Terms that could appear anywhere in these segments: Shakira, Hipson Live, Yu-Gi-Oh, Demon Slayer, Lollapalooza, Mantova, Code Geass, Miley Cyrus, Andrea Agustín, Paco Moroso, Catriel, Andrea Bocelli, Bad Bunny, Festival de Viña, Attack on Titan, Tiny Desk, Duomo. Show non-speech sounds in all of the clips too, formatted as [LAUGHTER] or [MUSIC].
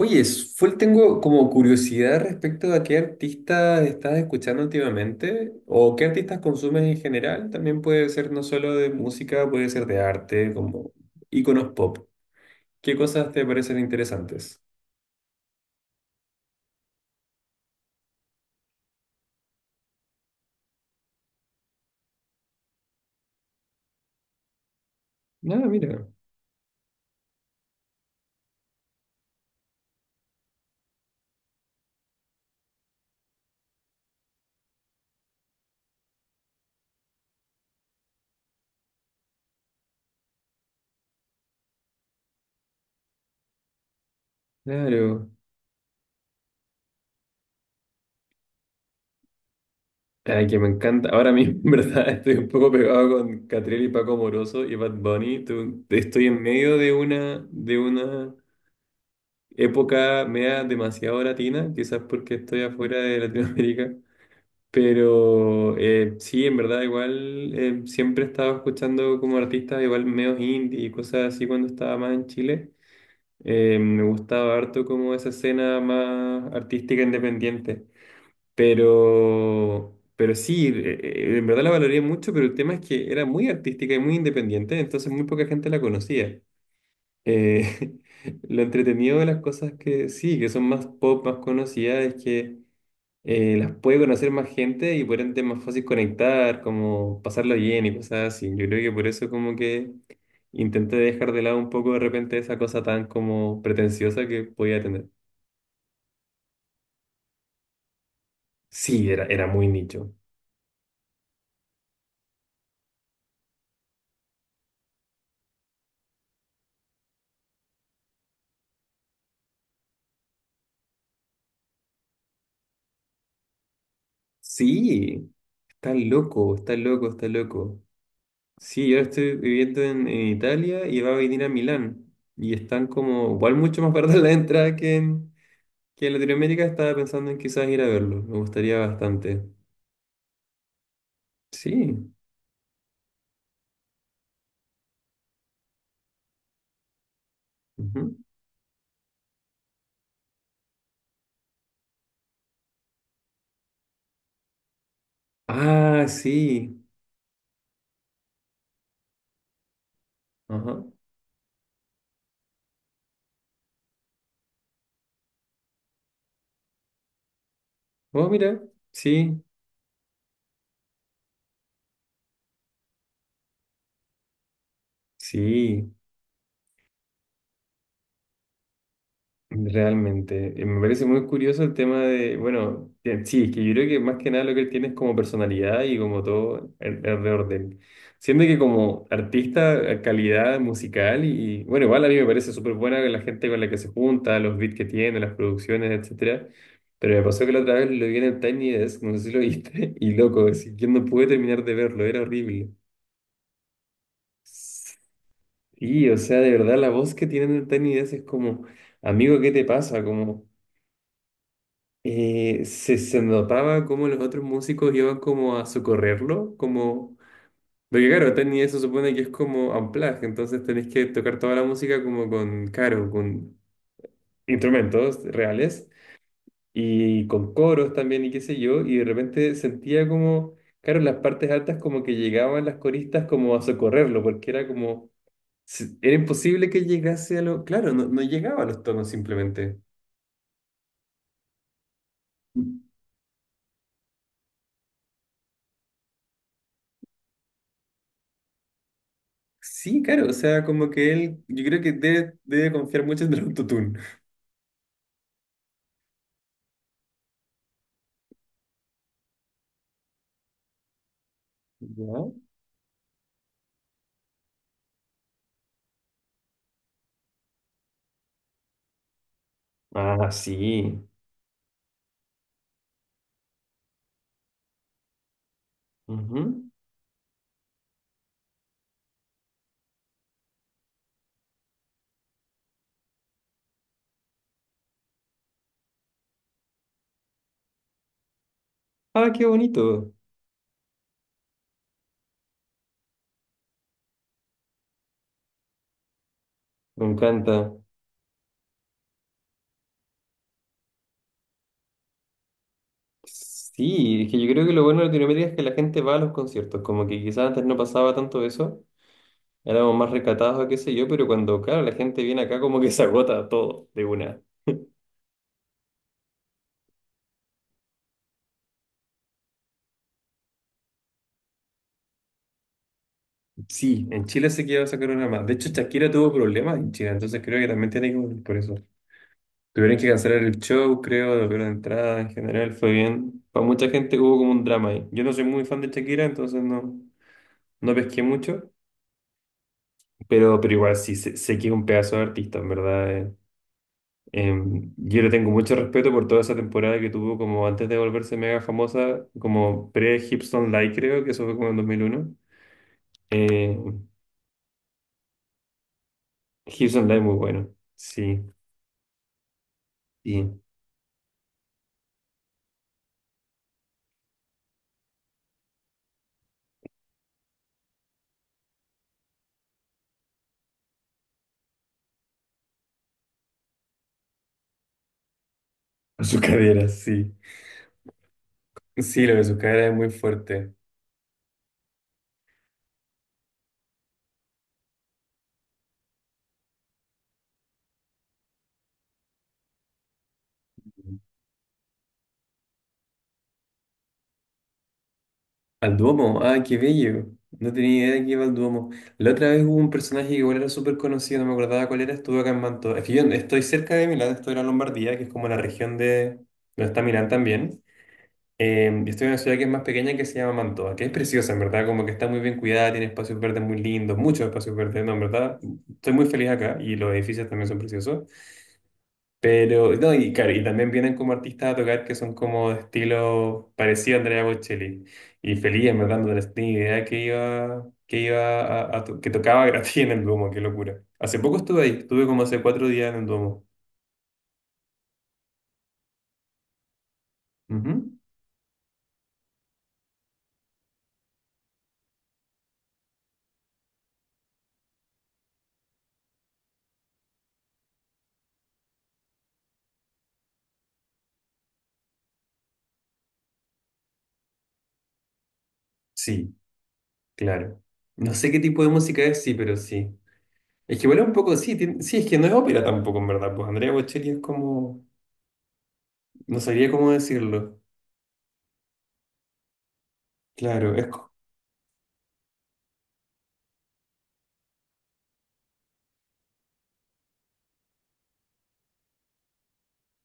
Oye, full tengo como curiosidad respecto a qué artistas estás escuchando últimamente o qué artistas consumes en general. También puede ser no solo de música, puede ser de arte, como íconos pop. ¿Qué cosas te parecen interesantes? Ah, mira, claro. Ay, que me encanta. Ahora mismo, [LAUGHS] en verdad, estoy un poco pegado con Catriel y Paco Moroso y Bad Bunny. Estoy en medio de una época media demasiado latina, quizás porque estoy afuera de Latinoamérica. Pero sí, en verdad igual siempre he estado escuchando como artistas igual medios indie y cosas así cuando estaba más en Chile. Me gustaba harto como esa escena más artística independiente. Pero sí, en verdad la valoré mucho, pero el tema es que era muy artística y muy independiente, entonces muy poca gente la conocía. Eh, [LAUGHS] lo entretenido de las cosas que sí, que son más pop, más conocidas, es que las puede conocer más gente y por ende es más fácil conectar, como pasarlo bien y cosas así. Yo creo que por eso como que intenté dejar de lado un poco de repente esa cosa tan como pretenciosa que podía tener. Sí, era muy nicho. Sí, está loco, está loco, está loco. Sí, yo estoy viviendo en Italia y va a venir a Milán. Y están como, igual mucho más [LAUGHS] baratas la entrada que en Latinoamérica. Estaba pensando en quizás ir a verlo. Me gustaría bastante. Sí. Ujú. Ah, sí. Ajá. Oh, mira, sí, sí, realmente. Me parece muy curioso el tema de, bueno, sí, es que yo creo que más que nada lo que él tiene es como personalidad y como todo alrededor de él. Siendo que como artista, calidad musical y, bueno, igual a mí me parece súper buena la gente con la que se junta, los beats que tiene, las producciones, etcétera. Pero me pasó que la otra vez lo vi en el Tiny Desk, no sé si lo viste, [LAUGHS] y loco, así, yo no pude terminar de verlo, era horrible. Y, o sea, de verdad, la voz que tienen en Tiny Desk es como, amigo, ¿qué te pasa? Como, se notaba como los otros músicos iban como a socorrerlo, como, porque claro, Tiny Desk se supone que es como unplugged, entonces tenés que tocar toda la música como con, caro, con instrumentos reales y con coros también y qué sé yo, y de repente sentía como, claro, en las partes altas como que llegaban las coristas como a socorrerlo, porque era como era imposible que llegase a lo... Claro, no, no llegaba a los tonos simplemente. Sí, claro, o sea, como que él, yo creo que debe confiar mucho en el autotune. ¿Ya? Ah, sí. Ujú. Ah, qué bonito. Me encanta. Sí, es que yo creo que lo bueno de Latinoamérica es que la gente va a los conciertos, como que quizás antes no pasaba tanto eso, éramos más recatados o qué sé yo, pero cuando, claro, la gente viene acá como que se agota todo de una. Sí, en Chile se quedó esa corona más. De hecho, Shakira tuvo problemas en Chile, entonces creo que también tiene que volver por eso. Tuvieron que cancelar el show, creo, la de entrada en general fue bien. Para mucha gente hubo como un drama ahí. Yo no soy muy fan de Shakira, entonces no, no pesqué mucho, pero igual sí sé, sé que es un pedazo de artista, en verdad. Yo le tengo mucho respeto por toda esa temporada que tuvo como antes de volverse mega famosa, como pre-Hipson Live, creo, que eso fue como en 2001. Eh, Hipson Live muy bueno, sí. Sí. [LAUGHS] Su cadera, sí. Sí, lo de su cadera es muy fuerte. Al Duomo, ah, qué bello. No tenía idea de que iba al Duomo. La otra vez hubo un personaje que igual era súper conocido, no me acordaba cuál era, estuvo acá en Manto. Es que yo estoy cerca de Milán, estoy en la Lombardía, que es como la región de donde está Milán también. Y estoy en una ciudad que es más pequeña que se llama Mantova, que es preciosa, en verdad, como que está muy bien cuidada, tiene espacios verdes muy lindos, muchos espacios verdes, no, en verdad, estoy muy feliz acá y los edificios también son preciosos. Pero, no, y claro, y también vienen como artistas a tocar que son como de estilo parecido a Andrea Bocelli. Y feliz, en verdad, no tenía idea que iba a, que tocaba [LAUGHS] gratis en el Duomo, qué locura. Hace poco estuve ahí, estuve como hace cuatro días en el Duomo. Ujú. Sí, claro. No sé qué tipo de música es, sí, pero sí. Es que bueno, un poco, sí, sí, es que no es ópera tampoco, en verdad, pues Andrea Bocelli es como, no sabría cómo decirlo. Claro,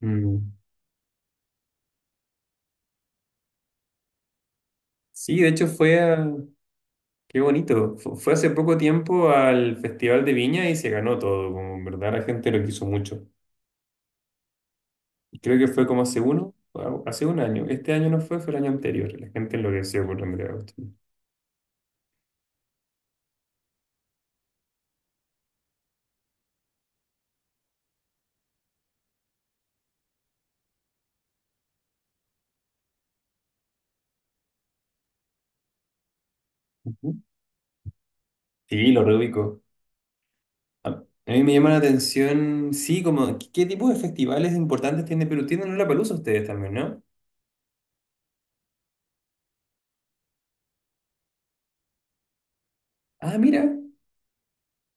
Mm. Sí, de hecho fue a... Qué bonito. Fue hace poco tiempo al Festival de Viña y se ganó todo. Como en verdad la gente lo quiso mucho. Y creo que fue como hace uno, o hace un año. Este año no fue, fue el año anterior. La gente enloqueció por Andrea Agustín. Ujú. Sí, lo reubico. A mí me llama la atención, sí, como, ¿qué tipo de festivales importantes tiene Perú? Tienen Lollapalooza ustedes también, ¿no? Ah, mira.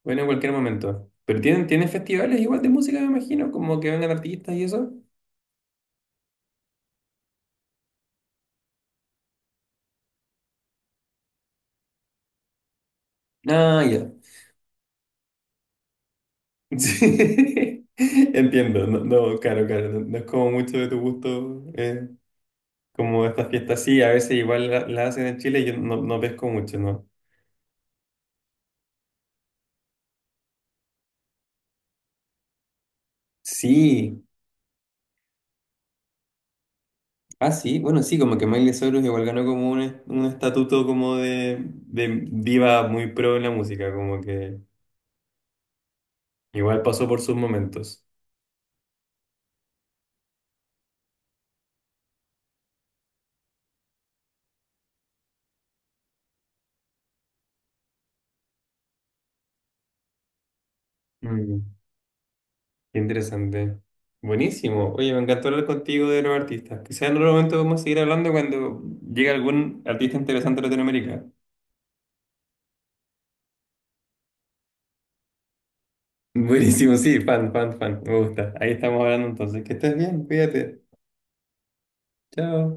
Bueno, en cualquier momento. Pero tienen, tienen festivales igual de música, me imagino, como que vengan artistas y eso. Ah, ya. Sí, [LAUGHS] entiendo, no, no, claro, claro, no, no es como mucho de tu gusto, como estas fiestas, sí, a veces igual las hacen en Chile y yo no, no pesco mucho, ¿no? Sí, ah, sí, bueno, sí, como que Miley Cyrus igual ganó como un, un estatuto como de diva muy pro en la música, como que igual pasó por sus momentos. Mm, qué interesante. Buenísimo. Oye, me encantó hablar contigo de los artistas. Quizás en otro momento vamos a seguir hablando cuando llegue algún artista interesante de Latinoamérica. Buenísimo, sí, fan, fan, fan, me gusta. Ahí estamos hablando entonces. Que estés bien, cuídate. Chao.